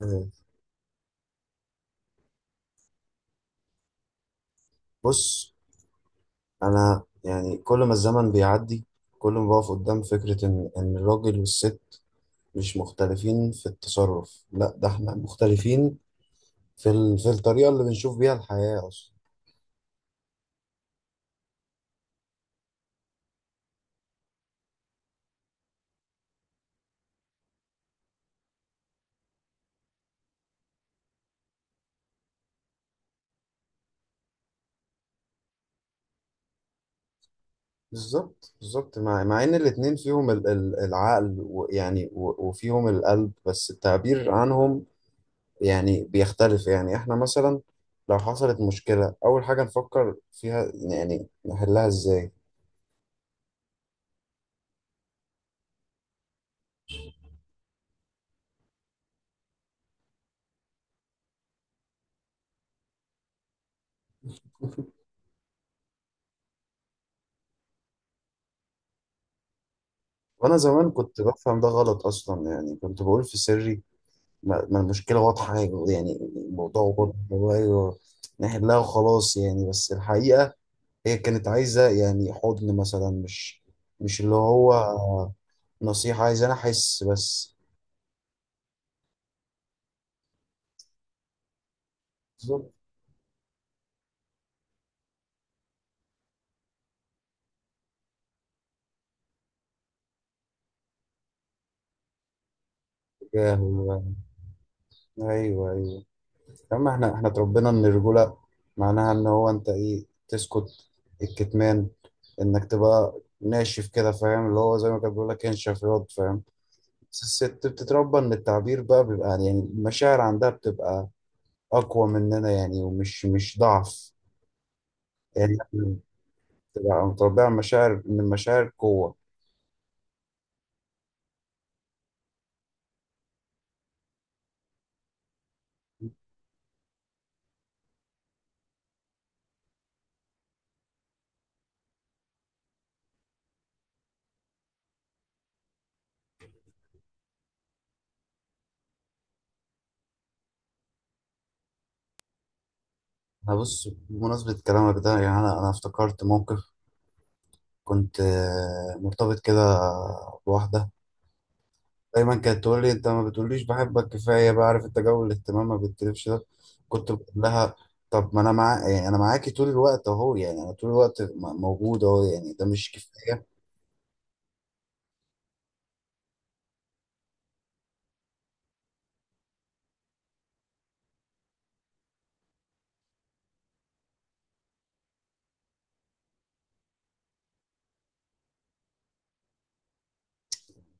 مم. بص، انا يعني كل ما الزمن بيعدي كل ما بقف قدام فكرة ان الراجل والست مش مختلفين في التصرف، لا ده احنا مختلفين في في الطريقة اللي بنشوف بيها الحياة اصلا. بالظبط بالظبط، مع ان الاتنين فيهم العقل وفيهم القلب، بس التعبير عنهم يعني بيختلف. يعني احنا مثلا لو حصلت مشكلة اول حاجة نفكر فيها يعني نحلها ازاي. وانا زمان كنت بفهم ده غلط اصلا، يعني كنت بقول في سري ما المشكله واضحه، يعني الموضوع واضح. هو ايوه نحلها وخلاص يعني، بس الحقيقه هي كانت عايزه يعني حضن مثلا، مش اللي هو نصيحه، عايزه انا احس بس. بالظبط. يا هو ايوه ايوه. اما احنا اتربينا ان الرجوله معناها ان هو انت ايه، تسكت، الكتمان، انك تبقى ناشف كده، فاهم؟ اللي هو زي ما كان بيقول لك انشف ياض، فاهم؟ الست بتتربى ان التعبير بقى بيبقى يعني المشاعر عندها بتبقى اقوى مننا يعني، ومش مش ضعف. يعني إحنا بتبقى متربية على مشاعر ان المشاعر قوة. انا بص، بمناسبة كلامك ده يعني، انا افتكرت موقف. كنت آه، مرتبط كده بواحدة، دايما كانت تقول لي انت ما بتقوليش بحبك كفاية، بعرف انت جو الاهتمام ما بتتلفش ده. كنت بقول لها طب ما انا مع يعني انا معاكي طول الوقت اهو، يعني انا طول الوقت موجود اهو، يعني ده مش كفاية؟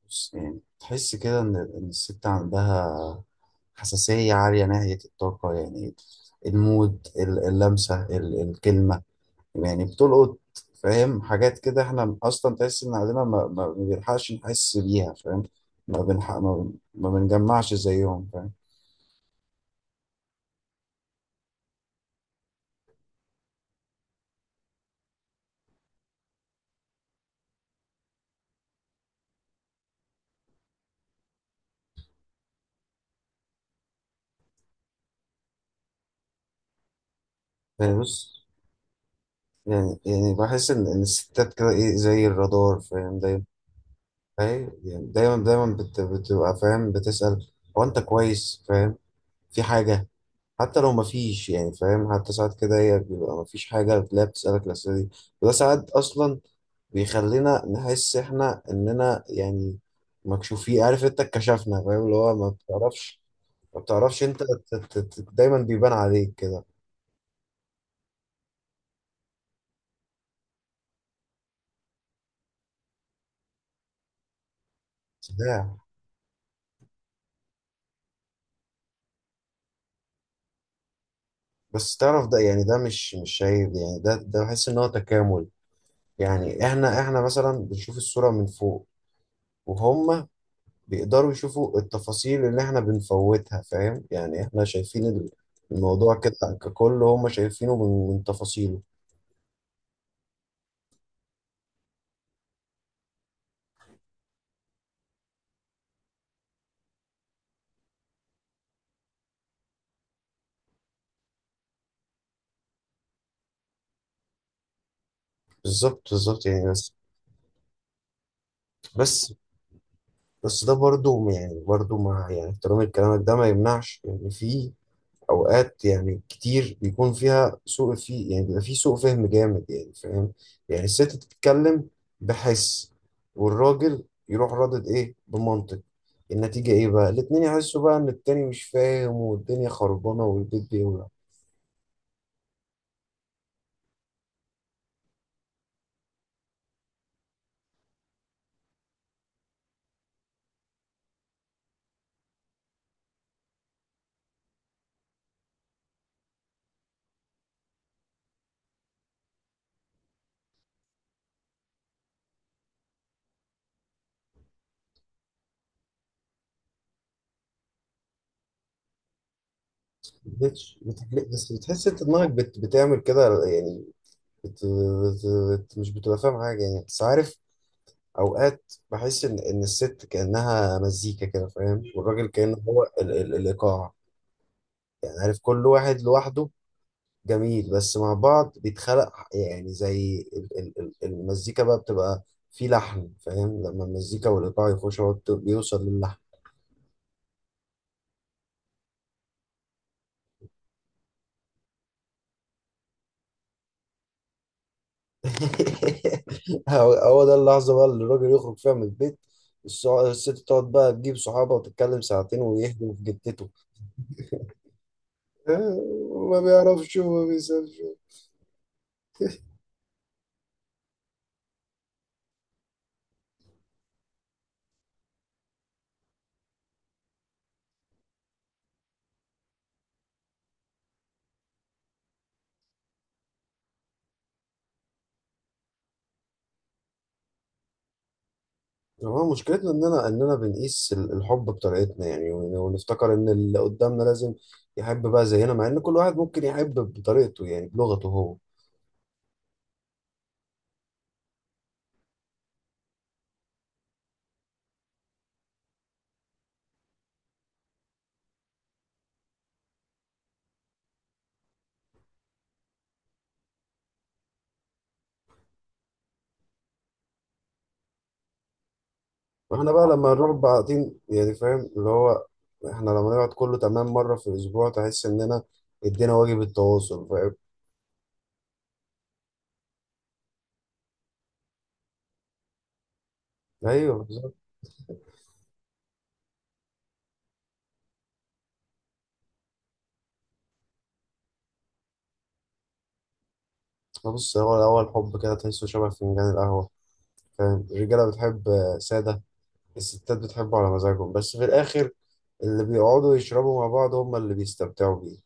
بص، يعني تحس كده إن الست عندها حساسية عالية ناحية الطاقة يعني، المود، اللمسة، الكلمة، يعني بتلقط، فاهم؟ حاجات كده احنا أصلا تحس إن عندنا ما بنلحقش نحس بيها، فاهم؟ ما بنحق ما, ما بنجمعش زيهم، فاهم؟ يعني بص، يعني بحس إن الستات كده إيه، زي الرادار، فاهم؟ دايما فاهم يعني، دايما بتبقى فاهم، بتسأل هو أنت كويس؟ فاهم؟ في حاجة؟ حتى لو مفيش يعني، فاهم؟ حتى ساعات كده هي بيبقى مفيش حاجة بتلاقيها بتسألك الأسئلة دي. وده ساعات أصلا بيخلينا نحس إحنا إننا يعني مكشوفين، عارف أنت؟ اتكشفنا، فاهم؟ اللي هو ما بتعرفش، ما بتعرفش أنت، دايما بيبان عليك كده. صداع. بس تعرف ده يعني ده مش عيب، يعني ده ده بحس إن هو تكامل. يعني إحنا مثلا بنشوف الصورة من فوق، وهم بيقدروا يشوفوا التفاصيل اللي احنا بنفوتها، فاهم؟ يعني احنا شايفين الموضوع كده ككل، هم شايفينه من تفاصيله. بالظبط بالظبط يعني، بس بس بس ده برضو يعني، برضو مع يعني احترام كلامك ده، ما يمنعش ان يعني في اوقات يعني كتير بيكون فيها سوء في يعني بيبقى فيه سوء فهم جامد، يعني فاهم؟ يعني الست بتتكلم بحس، والراجل يروح رادد ايه، بمنطق. النتيجة ايه بقى؟ الاتنين يحسوا بقى ان التاني مش فاهم، والدنيا خربانة والبيت بيولع. بس بتحس انت دماغك بتعمل كده يعني، بت... بت... مش بتبقى فاهم حاجة يعني، بس عارف اوقات بحس ان الست كأنها مزيكا كده، فاهم؟ والراجل كأنه هو الايقاع. يعني عارف كل واحد لوحده جميل، بس مع بعض بيتخلق يعني زي المزيكا بقى بتبقى في لحن، فاهم؟ لما المزيكا والإيقاع يخشوا هو بيوصل للحن. هو هو ده اللحظة بقى اللي الراجل يخرج فيها من البيت. الست تقعد بقى تجيب صحابها وتتكلم ساعتين ويهدم في جتته. ما بيعرفش وما بيسافرش. يعني هو مشكلتنا اننا بنقيس الحب بطريقتنا يعني، ونفتكر ان اللي قدامنا لازم يحب بقى زينا، مع ان كل واحد ممكن يحب بطريقته يعني، بلغته هو. واحنا بقى لما نروح بعدين يعني فاهم اللي هو، احنا لما نقعد كله تمام مرة في الاسبوع تحس اننا ادينا واجب التواصل، فاهم؟ ايوه بالظبط. بص، هو الاول الحب كده تحسه شبه فنجان القهوة، فاهم؟ الرجالة بتحب آه، سادة. الستات بتحبه على مزاجهم، بس في الاخر اللي بيقعدوا يشربوا مع بعض هم اللي بيستمتعوا بيه.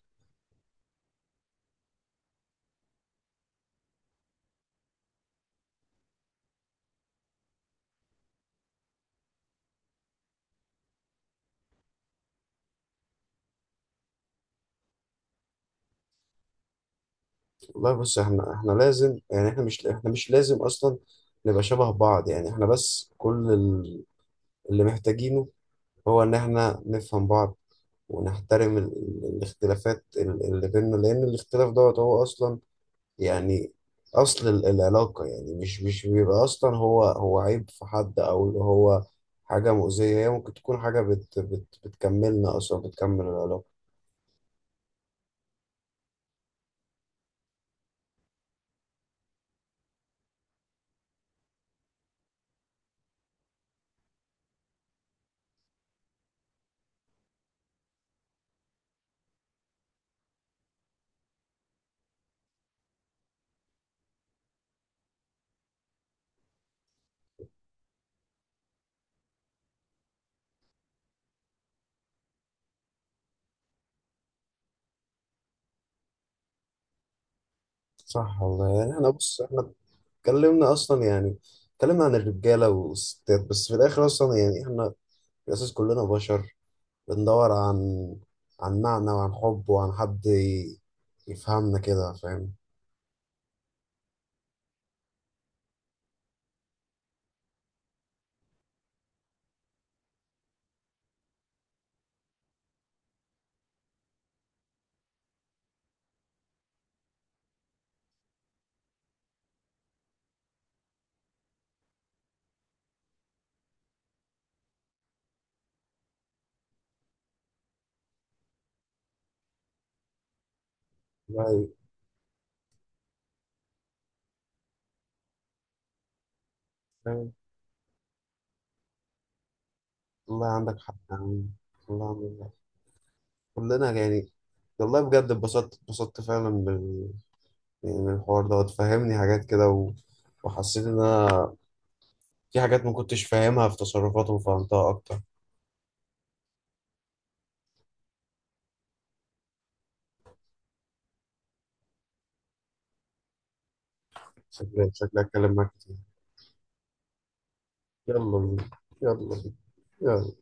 والله بص، احنا لازم يعني، احنا مش لازم اصلا نبقى شبه بعض يعني، احنا بس كل اللي محتاجينه هو ان احنا نفهم بعض، ونحترم الاختلافات اللي بيننا، لان الاختلاف دوت هو اصلا يعني اصل العلاقة يعني، مش بيبقى اصلا هو عيب في حد او اللي هو حاجة مؤذية، هي ممكن تكون حاجة بت بت بتكملنا اصلا، بتكمل العلاقة. صح والله. يعني احنا بص احنا اتكلمنا اصلا يعني، اتكلمنا عن الرجاله والستات، بس في الاخر اصلا يعني احنا في الاساس كلنا بشر بندور عن معنى وعن حب وعن حد يفهمنا كده، فاهم؟ والله فاهم؟ والله عندك حق يعني، والله عندك حق. كلنا يعني، والله بجد اتبسطت، اتبسطت فعلا يعني من الحوار ده، وتفهمني حاجات كده وحسيت ان انا في حاجات ما كنتش فاهمها في تصرفاته وفهمتها اكتر. شكلي اتكلم معاك كتير. يلا بينا، يلا بينا، يلا.